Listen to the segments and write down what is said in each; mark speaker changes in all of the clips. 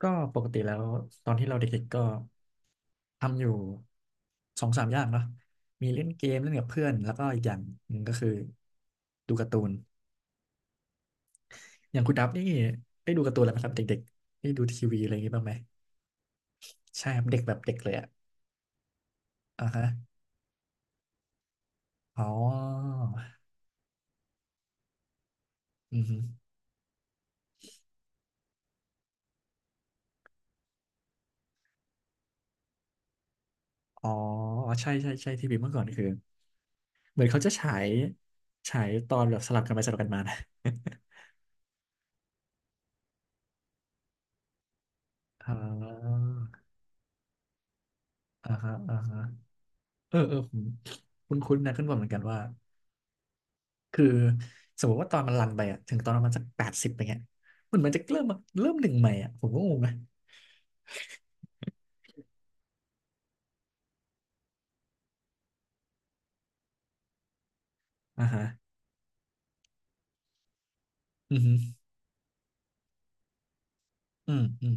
Speaker 1: ก็ปกติแล้วตอนที่เราเด็กๆก็ทำอยู่สองสามอย่างเนาะมีเล่นเกมเล่นกับเพื่อนแล้วก็อีกอย่างหนึ่งก็คือดูการ์ตูนอย่างคุณดับนี่ได้ดูการ์ตูนอะไรไหมครับเด็กๆได้ดูทีวีอะไรอย่างงี้บ้างไหมใช่ครับเด็กแบบเด็กเลยอะอ่าฮะอ๋ออือฮึอ๋อใช่ใช่ใช่ทีวีเมื่อก่อนคือเหมือนเขาจะฉายตอนแบบสลับกันไปสลับกันมานะ อ่าอ่าฮะอ่าฮะเออเออผมคุ้นๆนะขึ้นบนเหมือนกันว่า คือสมมติว่าตอนมันรันไปอะถึงตอนประมาณสัก80ไปเงี้ยเหมือนมันจะเริ่มมาเริ่มหนึ่งใหม่อะผมก็งงนะอ่าฮะอือฮึอืมอืม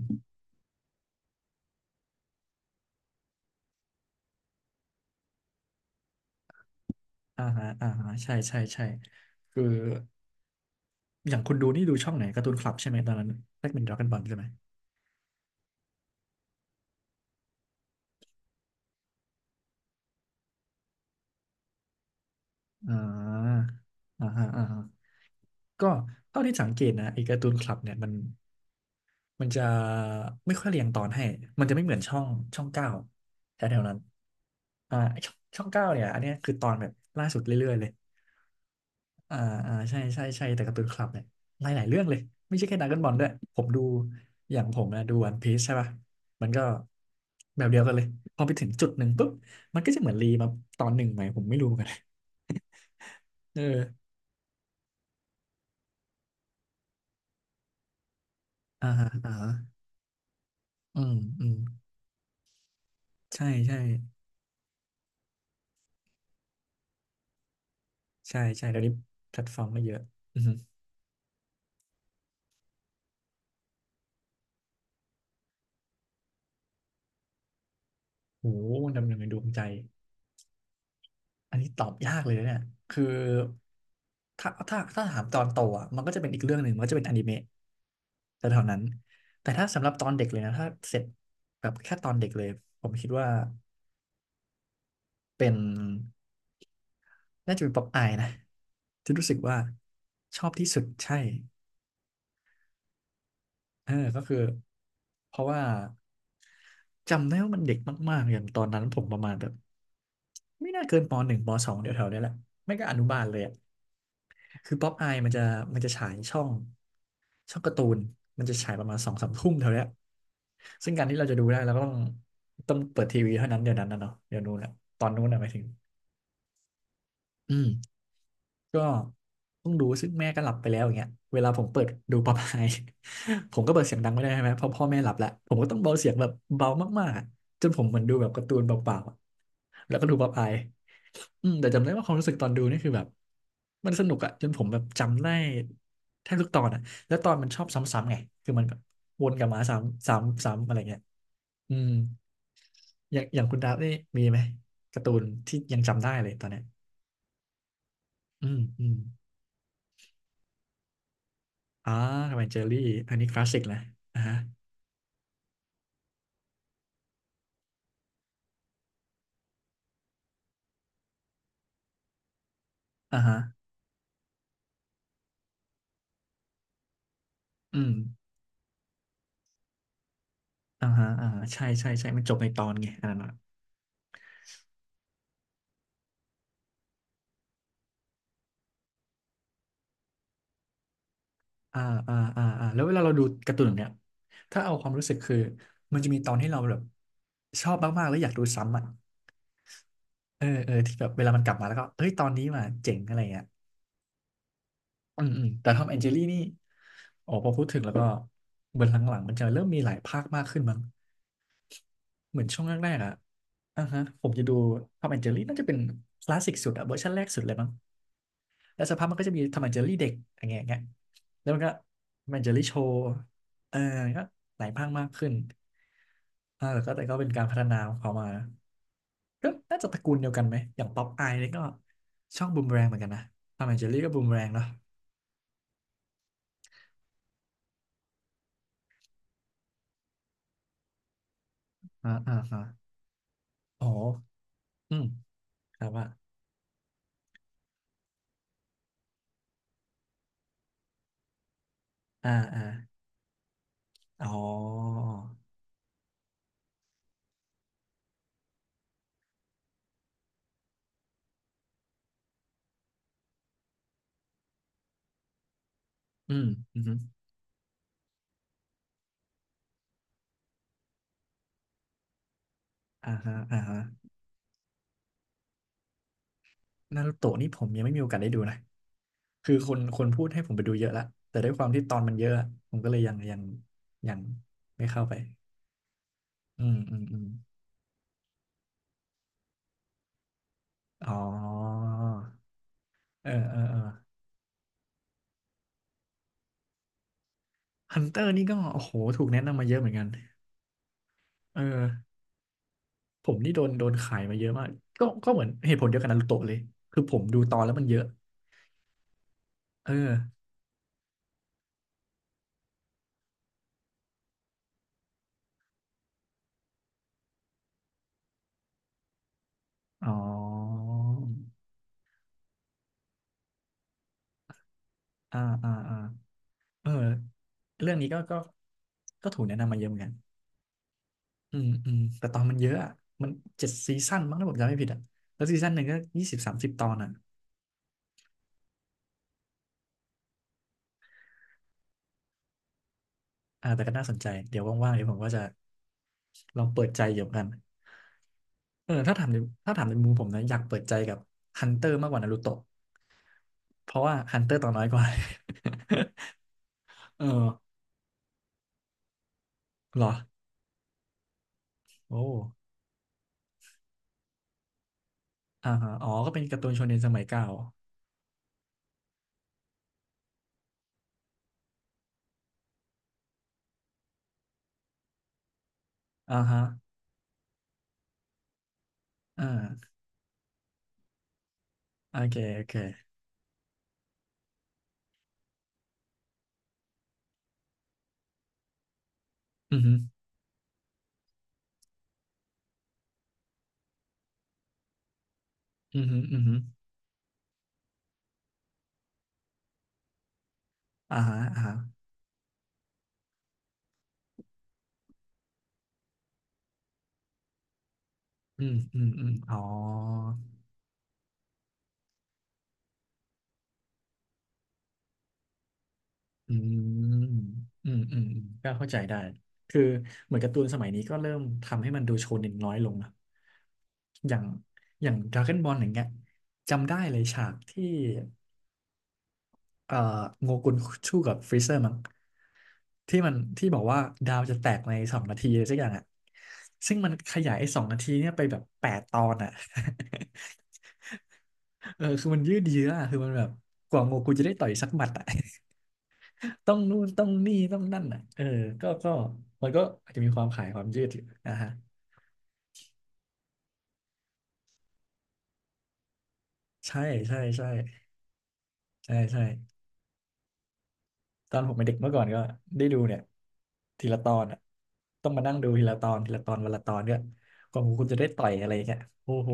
Speaker 1: อ่าฮะอ่าฮะใช่ใช่ใช่คืออย่างคุณดูนี่ดูช่องไหนการ์ตูนคลับใช่ไหมตอนนั้นแรกเป็นดราก้อนบอลใช่ไหมอ่าอ่าฮะอ่าฮะก็เท่าที่สังเกตนะไอ้การ์ตูนคลับเนี่ยมันจะไม่ค่อยเรียงตอนให้มันจะไม่เหมือนช่องช่องเก้าแถวๆนั้นอ่าไอ้ช่องเก้าเนี่ยอันเนี้ยคือตอนแบบล่าสุดเรื่อยๆเลย อ่าอ่าใช่ใช่ใช่แต่การ์ตูนคลับเนี่ยหลายหลายเรื่องเลยไม่ใช่แค่ดราก้อนบอลด้วยผมดูอย่างผมนะดูวันพีซใช่ป่ะมันก็แบบเดียวกันเลยพอไปถึงจุดหนึ่งปุ๊บมันก็จะเหมือนรีมาตอนหนึ่งไหมผมไม่รู้เหมือนกัน เอออ่าฮะอ่าฮะอืมอืมใช่ใช่ใช่ใช่เดี๋ยวนี้แพลตฟอร์มก็เยอะอือหือโหดำเนินในดวงใจอันนี้ตอบยากเลยนะเนี่ยคือถ้าถามตอนโตอ่ะมันก็จะเป็นอีกเรื่องหนึ่งมันก็จะเป็นอนิเมะ แต่เท่านั้น แต่ถ้าสำหรับตอนเด็กเลยนะ ถ้าเสร็จแบบแค่ตอนเด็กเลย ผมคิดว่าเป็นน่าจะเป็นป๊อปอายนะ ที่รู้สึกว่าชอบที่สุดใช่เออก็คือเพราะว่าจำได้ว่ามันเด็กมาก ๆ อย่างตอนนั้นผมประมาณแบบไม่น่าเกินป.1 ป.2เดี๋ยวแถวๆเนี้ยแหละ ไม่ก็อนุบาลเลยอะ คือป๊อปอายมันจะมันจะฉายช่องช่องการ์ตูนมันจะฉายประมาณสองสามทุ่มเท่าเนี้ยซึ่งการที่เราจะดูได้เราก็ต้องเปิดทีวีเท่านั้นเดี๋ยวนั้นนะเนาะเดี๋ยวนู้นอะตอนนู้นอะหมายถึงอืมก็ต้องดูซึ่งแม่ก็หลับไปแล้วอย่างเงี้ยเวลาผมเปิดดูป๊อปอาย ผมก็เปิดเสียงดังไม่ได้ใช่ไหมเพราะพ่อแม่หลับแล้วผมก็ต้องเบาเสียงแบบเบามากๆอะจนผมเหมือนดูแบบการ์ตูนเบาๆอะแล้วก็ดูป๊อปอาย อืมแต่จำได้ว่าความรู้สึกตอนดูนี่คือแบบมันสนุกอะจนผมแบบจำได้แทบทุกตอนอะแล้วตอนมันชอบซ้ำๆไงคือมันแบบวนกลับมาซ้ำซ้ำซ้ำอะไรเงี้ยอืมอย่างอย่างคุณดาบนี่มีไหมการ์ตูนที่ยังจำได้เลยตอนเนี้ยอืมอืมอ่าทำไมเจอรี่อันนี้คลาสสิกนะอ่าฮะอ่าฮะอืมอ่าฮะอ่าฮะใช่ใช่ใช่มันจบในตอนไงอันนั้นอะอ่าอ่าอ่าอ่าแล้วเวลาเราดูการ์ตูนแบบเนี้ยถ้าเอาความรู้สึกคือมันจะมีตอนที่เราแบบชอบมากๆแล้วอยากดูซ้ำอ่ะ เออเออที่แบบเวลามันกลับมาแล้วก็เอ้ยตอนนี้มาเจ๋งอะไรเงี้ยอืมอืมแต่ทอมแอนเจลี่นี่โอ้พอพูดถึงแล้วก็เหมือนหลังๆมันจะเริ่มมีหลายภาคมากขึ้นมั้งเหมือนช่วงแรกๆอ่ะอ่าฮะผมจะดูทอมแอนเจลี่น่าจะเป็นคลาสสิกสุดอะเวอร์ชันแรกสุดเลยมั้งแล้วสักพักมันก็จะมีทอมแอนเจลี่เด็กอย่างเงี้ยอย่างเงี้ยแล้วมันก็ทอมแอนเจลี่โชว์เออก็หลายภาคมากขึ้นอ่าแล้วก็แต่ก็เป็นการพัฒนาของเขามา ก็น่าจะตระกูลเดียวกันไหมอย่างป๊อปอายนี่ก็ช่องบูมแรงเหมือนกันนะทอมแอนเจอรี่ก็บูมแรงเนาะอ่าอ่าอ่าโอ้โหอืมครับว่าอ่าอ่าอ๋ออืมอืมอมอ่าฮะอ่าฮะนารูโตะนี่ผมยังไม่มีโอกาสได้ดูนะคือคนพูดให้ผมไปดูเยอะละแต่ด้วยความที่ตอนมันเยอะอะผมก็เลยยังไม่เข้าไปอืมอืมอืมอ๋อเออเออเออฮันเตอร์นี่ก็โอ้โหถูกแนะนำมาเยอะเหมือนกันเออ ผมนี่โดนขายมาเยอะมาก ก็เหมือนเหตุผลเดียวกันนารูโตะเลย คือผมดูตอนแล้วมันเยอะ เออ อ๋ออ่าอ่าอ่าเออเรื่องนี้ก็ถูกแนะนำมาเยอะเหมือนกันแต่ตอนมันเยอะอะมัน7 ซีซั่นมั้งถ้าผมจำไม่ผิดอ่ะแล้วซีซั่นหนึ่งก็ยี่สิบสามสิบตอนอ่ะ อ่าแต่ก็น่าสนใจเดี๋ยวว่างๆเดี๋ยวผมก็จะลองเปิดใจเกี่ยวกันเออถ้าถามในมุมผมนะอยากเปิดใจกับฮันเตอร์มากกว่านารูโตะเพราะว่าฮันเตอร์ตัวน้อยกว่า เออเหรอโอ้อ่าฮะอ๋อก็เป็นการ์ตูนโชเนนสมัยเก่าอ่าฮะอ่าโอเคโอเคอือฮึอือฮึอือฮึอ่าฮะอ่าฮะอืมอืมอืมอ๋อ อืมอืม อืม อืม ก็เข้าใจได้ คือเหมือนการ์ตูนสมัยนี้ก็เริ่มทำให้มันดูโชเน็นน้อยลงนะอย่างดราก้อนบอลอย่างเงี้ยจำได้เลยฉากที่เอ่อโงกุนชู่กับฟรีเซอร์มั้งที่มันที่บอกว่าดาวจะแตกในสองนาทีอะไรสักอย่างอ่ะซึ่งมันขยายไอ้สองนาทีเนี่ยไปแบบ8 ตอนอ่ะ เออคือมันยืดเยื้ออะคือมันแบบกว่าโงกุนจะได้ต่อยสักหมัดอ่ะ ต้องนู่นต้องนี่ต้องนั่นอ่ะเออก็มันก็อาจจะมีความขายความยืดอยู่นะฮะใช่ใช่ใช่ใช่ใช่ตอนผมเป็นเด็กเมื่อก่อนก็ได้ดูเนี่ยทีละตอนอ่ะต้องมานั่งดูทีละตอนทีละตอนวันละตอนเนี่ยกว่าคุณจะได้ต่อยอะไรเงี้ยโอ้โห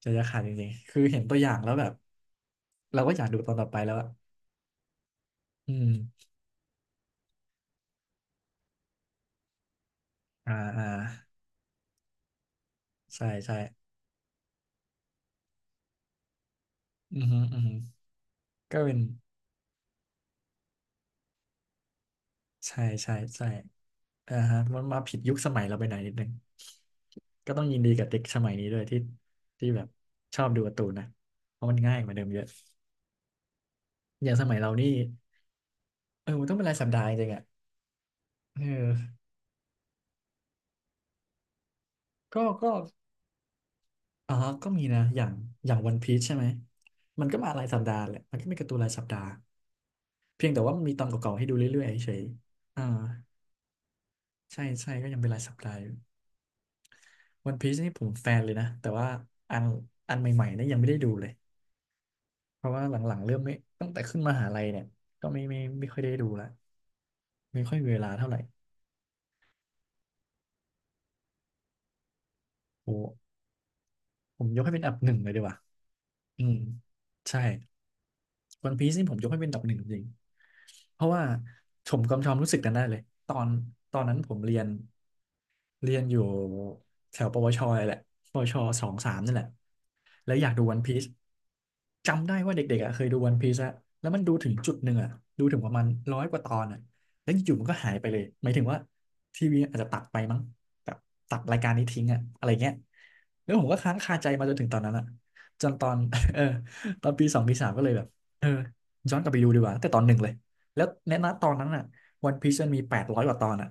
Speaker 1: ใจจะขาดจริงๆคือเห็นตัวอย่างแล้วแบบเราก็อยากดูตอนต่อไปแล้วอะอืมอ่าอ่าใช่ใช่อือฮึอือฮึก็เป็นใช่ใช่ใช่ อ่าฮะมันมาผิดยุคสมัยเราไปหน่อยนิดนึงก็ต้องยินดีกับเด็กสมัยนี้ด้วยที่ที่แบบชอบดูการ์ตูนนะเพราะมันง่ายกว่าเดิมเยอะอย่างสมัยเรานี่เออมันต้องเป็นรายสัปดาห์จริงๆอ่ะเออก็อ๋อก็มีนะอย่างวันพีชใช่ไหมมันก็มารายสัปดาห์แหละมันก็มีการ์ตูนรายสัปดาห์เพียงแต่ว่ามันมีตอนเก่าๆให้ดูเรื่อยๆเฉยๆอ่าใช่ใช่ก็ยังเป็นรายสัปดาห์อยู่วันพีชนี่ผมแฟนเลยนะแต่ว่าอันอันใหม่ๆนี่ยังไม่ได้ดูเลย เพราะว่าหลังๆเริ่มไม่ตั้งแต่ขึ้นมหาลัยเนี่ยก็ไม่ค่อยได้ดูละไม่ค่อยมีเวลาเท่าไหร่โอ้ผมยกให้เป็นอันดับหนึ่งเลยดีกว่าอืมใช่วันพีซนี่ผมยกให้เป็นอันดับหนึ่งจริงๆเพราะว่าผมกำชอมรู้สึกกันได้เลยตอนตอนนั้นผมเรียน เรียนอยู่แถวปวชเลยแหละปวชสองสามนั่นแหละแล้วอยากดูวันพีซจำได้ว่าเด็กๆอะเคยดูวันพีซอะแล้วมันดูถึงจุดหนึ่งอะดูถึงประมาณร้อยกว่าตอนอะแล้วอยู่ๆมันก็หายไปเลยหมายถึงว่าทีวีอาจจะตัดไปมั้งแบบตัดรายการนี้ทิ้งอะอะไรเงี้ยแล้วผมก็ค้างคาใจมาจนถึงตอนนั้นอะจนตอน เออตอนปีสองปีสามก็เลยแบบเออย้อนกลับไปดูดีกว่าตั้งแต่ตอนหนึ่งเลยแล้วในณตอนนั้นอะวันพีซมันมี800 กว่าตอนอะ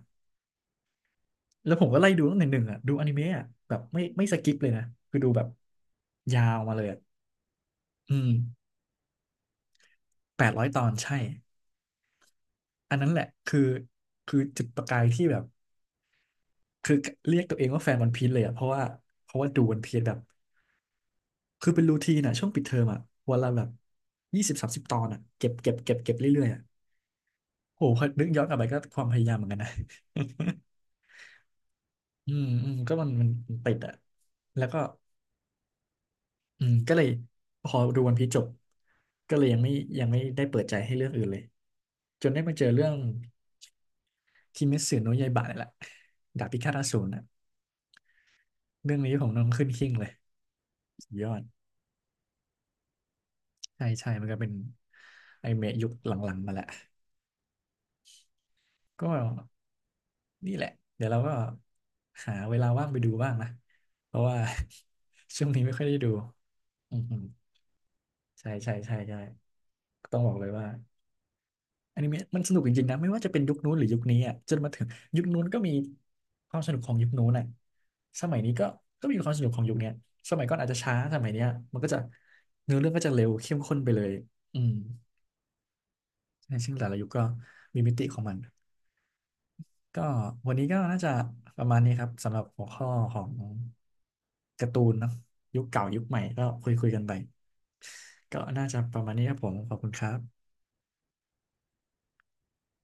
Speaker 1: แล้วผมก็ไล่ดูตั้งแต่หนึ่งอ่ะดูอนิเมะอ่ะแบบไม่สกิปเลยนะคือดูแบบยาวมาเลยอะอืม800 ตอนใช่อันนั้นแหละคือจุดประกายที่แบบคือเรียกตัวเองว่าแฟนวันพีซเลยอ่ะเพราะว่าดูวันพีซแบบคือเป็นรูทีนอ่ะช่วงปิดเทอมอ่ะวันละแบบยี่สิบสามสิบตอนอ่ะเก็บเก็บเก็บเก็บเรื่อยๆอ่ะโหพอนึกย้อนกลับไปก็ความพยายามเหมือนกันนะ อืมอืมก็มันติดอ่ะแล้วก็ อืมก็เลยพอดูวันพีซจบก็เลยยังไม่ได้เปิดใจให้เรื่องอื่นเลยจนได้มาเจอเรื่องคิเมสึโนะยาอิบะนี่แหละดาบพิฆาตอสูรนะเรื่องนี้ของน้องขึ้นหิ้งเลยสุดยอดใช่ใช่มันก็เป็นไอนิเมะยุคหลังๆมาแหละก็นี่แหละเดี๋ยวเราก็หาเวลาว่างไปดูบ้างนะเพราะว่า ช่วงนี้ไม่ค่อยได้ดูอืมๆใช่ใช่ใช่ใช่ต้องบอกเลยว่า อนิเมะมันสนุกจริงๆนะไม่ว่าจะเป็นยุคนู้นหรือยุคนี้อ่ะจนมาถึงยุคนู้นก็มีความสนุกของยุคนู้นอ่ะสมัยนี้ก็ก็มีความสนุกของยุคเนี้ยสมัยก่อนอาจจะช้าสมัยเนี้ยมันก็จะเนื้อเรื่องก็จะเร็วเข้มข้นไปเลยอืมใช่ซึ่งแต่ละยุคก็มีมิติของมันก็วันนี้ก็น่าจะประมาณนี้ครับสำหรับหัวข้อของการ์ตูนเนาะยุคเก่ายุคใหม่ก็คุยคุยกันไปก็น่าจะประมาณนี้ครับผมขอบคุณครับ